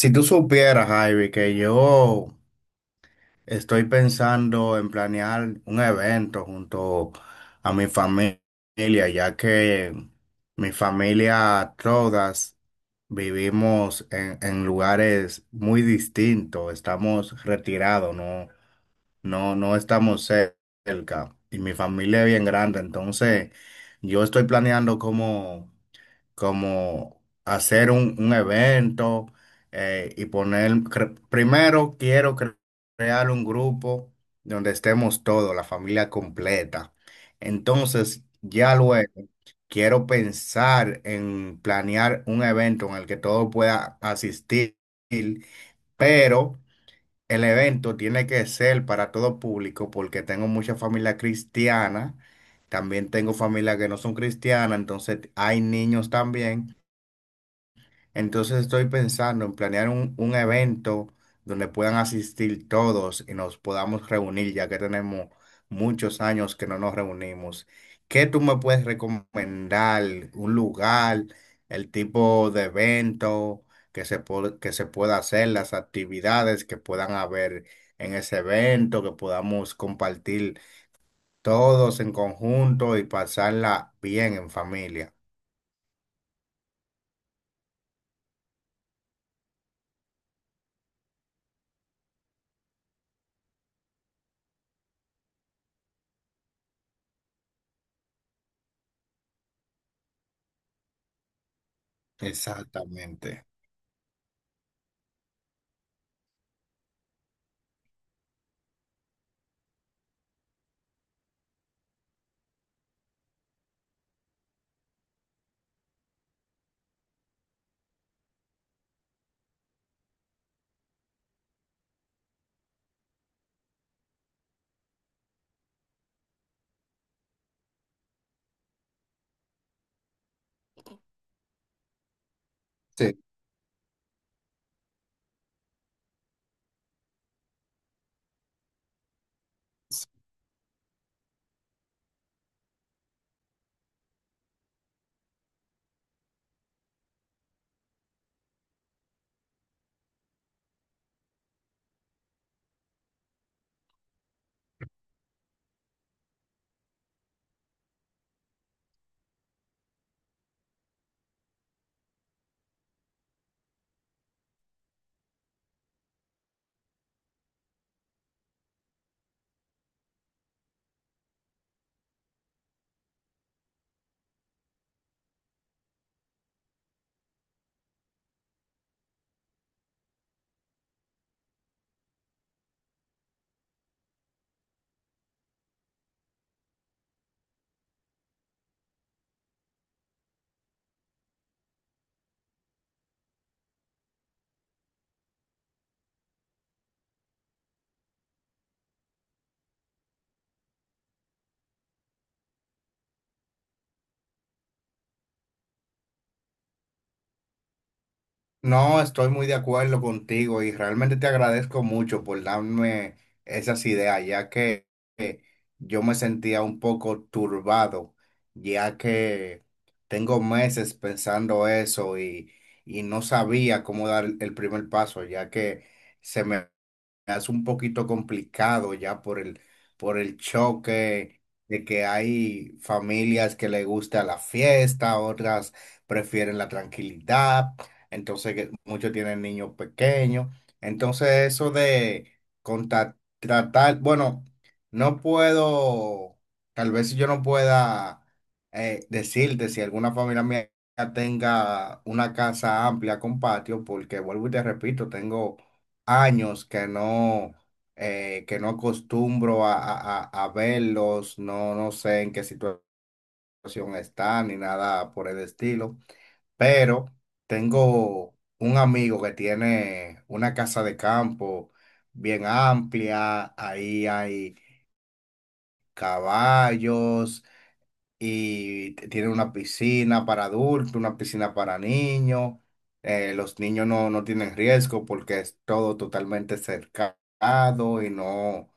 Si tú supieras, Javi, que yo estoy pensando en planear un evento junto a mi familia, ya que mi familia todas vivimos en lugares muy distintos, estamos retirados, no, no, no estamos cerca. Y mi familia es bien grande, entonces yo estoy planeando como hacer un evento y poner, primero quiero crear un grupo donde estemos todos, la familia completa. Entonces, ya luego quiero pensar en planear un evento en el que todo pueda asistir, pero el evento tiene que ser para todo público porque tengo mucha familia cristiana. También tengo familia que no son cristianas, entonces hay niños también. Entonces estoy pensando en planear un evento donde puedan asistir todos y nos podamos reunir, ya que tenemos muchos años que no nos reunimos. ¿Qué tú me puedes recomendar? ¿Un lugar, el tipo de evento que que se pueda hacer, las actividades que puedan haber en ese evento, que podamos compartir todos en conjunto y pasarla bien en familia? Exactamente. Sí. No, estoy muy de acuerdo contigo y realmente te agradezco mucho por darme esas ideas, ya que eh, yo me sentía un poco turbado, ya que tengo meses pensando eso y no sabía cómo dar el primer paso, ya que se me hace un poquito complicado ya por por el choque de que hay familias que le gusta la fiesta, otras prefieren la tranquilidad, entonces que muchos tienen niños pequeños, entonces eso de tratar, bueno, no puedo, tal vez si yo no pueda decirte si alguna familia mía tenga una casa amplia con patio, porque vuelvo y te repito, tengo años que no acostumbro a verlos, no, no sé en qué situación están ni nada por el estilo, pero tengo un amigo que tiene una casa de campo bien amplia, ahí hay caballos y tienen una piscina para adultos, una piscina para niños. Los niños no, no tienen riesgo porque es todo totalmente cercado y no,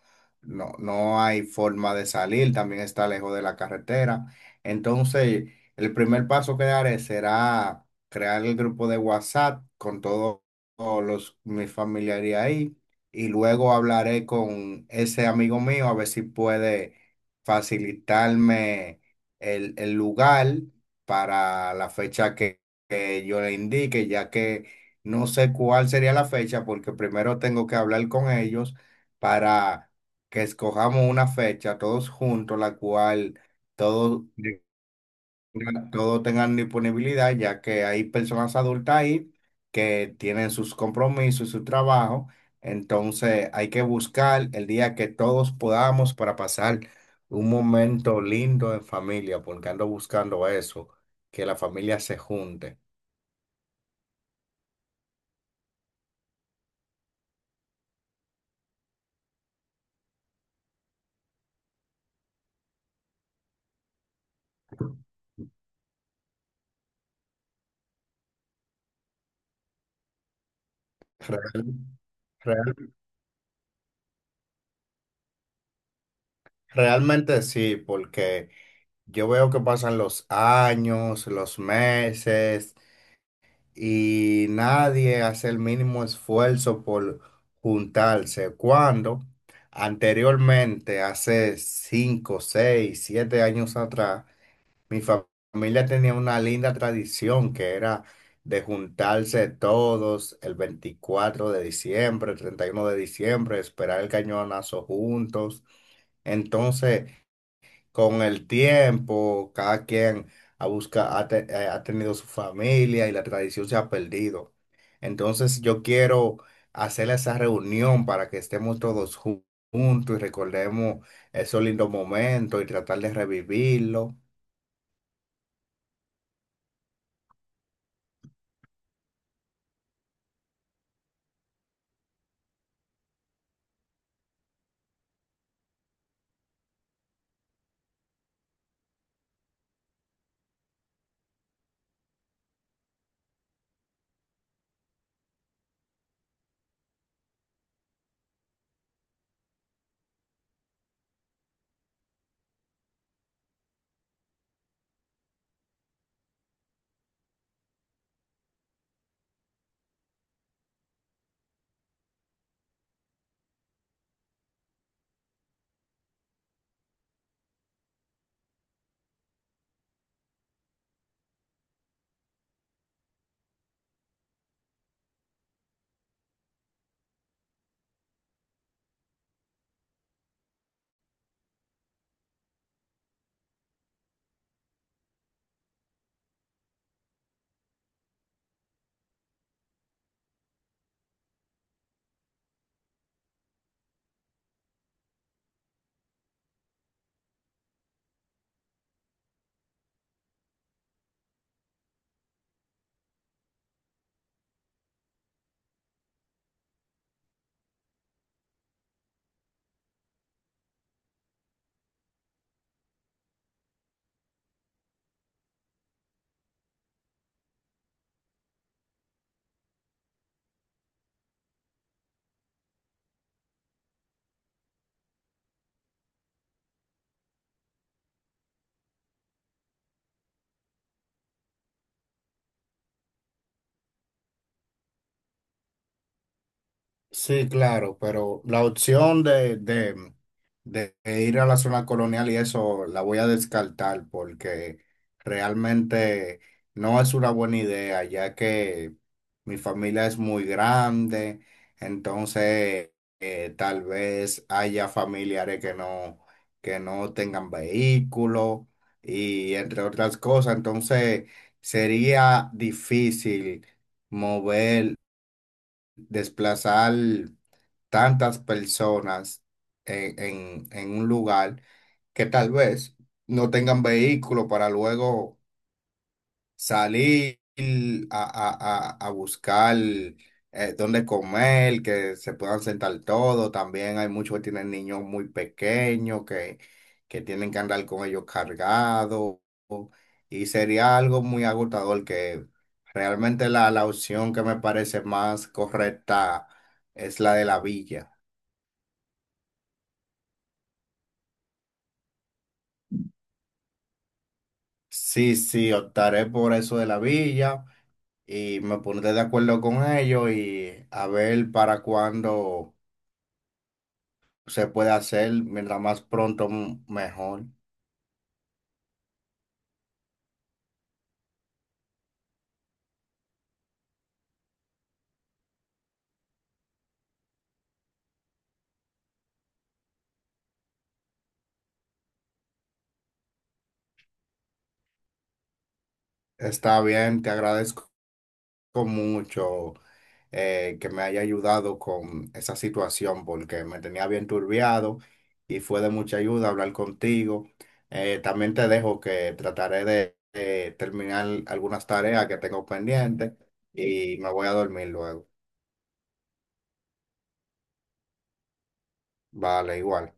no, no hay forma de salir, también está lejos de la carretera. Entonces, el primer paso que daré será crear el grupo de WhatsApp con todos mis familiares ahí y luego hablaré con ese amigo mío a ver si puede facilitarme el lugar para la fecha que yo le indique, ya que no sé cuál sería la fecha, porque primero tengo que hablar con ellos para que escojamos una fecha todos juntos, la cual todos todos tengan disponibilidad, ya que hay personas adultas ahí que tienen sus compromisos, su trabajo, entonces hay que buscar el día que todos podamos para pasar un momento lindo en familia, porque ando buscando eso, que la familia se junte. Real- real- realmente sí, porque yo veo que pasan los años, los meses, y nadie hace el mínimo esfuerzo por juntarse, cuando anteriormente, hace cinco, seis, siete años atrás, mi fa- familia tenía una linda tradición que era de juntarse todos el 24 de diciembre, el 31 de diciembre, esperar el cañonazo juntos. Entonces, con el tiempo, cada quien ha, busca, ha, te- ha tenido su familia y la tradición se ha perdido. Entonces yo quiero hacer esa reunión para que estemos juntos y recordemos esos lindos momentos y tratar de revivirlo. Sí, claro, pero la opción de ir a la zona colonial y eso la voy a descartar porque realmente no es una buena idea, ya que mi familia es muy grande, entonces tal vez haya familiares que no tengan vehículo y entre otras cosas, entonces sería difícil mover, desplazar tantas personas en, en un lugar que tal vez no tengan vehículo para luego salir a buscar dónde comer, que se puedan sentar todos. También hay muchos que tienen niños muy pequeños que tienen que andar con ellos cargados. Y sería algo muy agotador que realmente la opción que me parece más correcta es la de la villa. Sí, sí, optaré por eso de la villa y me pondré de acuerdo con ellos y a ver para cuándo se puede hacer, mientras más pronto mejor. Está bien, te agradezco mucho que me haya ayudado con esa situación porque me tenía bien turbiado y fue de mucha ayuda hablar contigo. También te dejo que trataré de terminar algunas tareas que tengo pendientes y me voy a dormir luego. Vale, igual.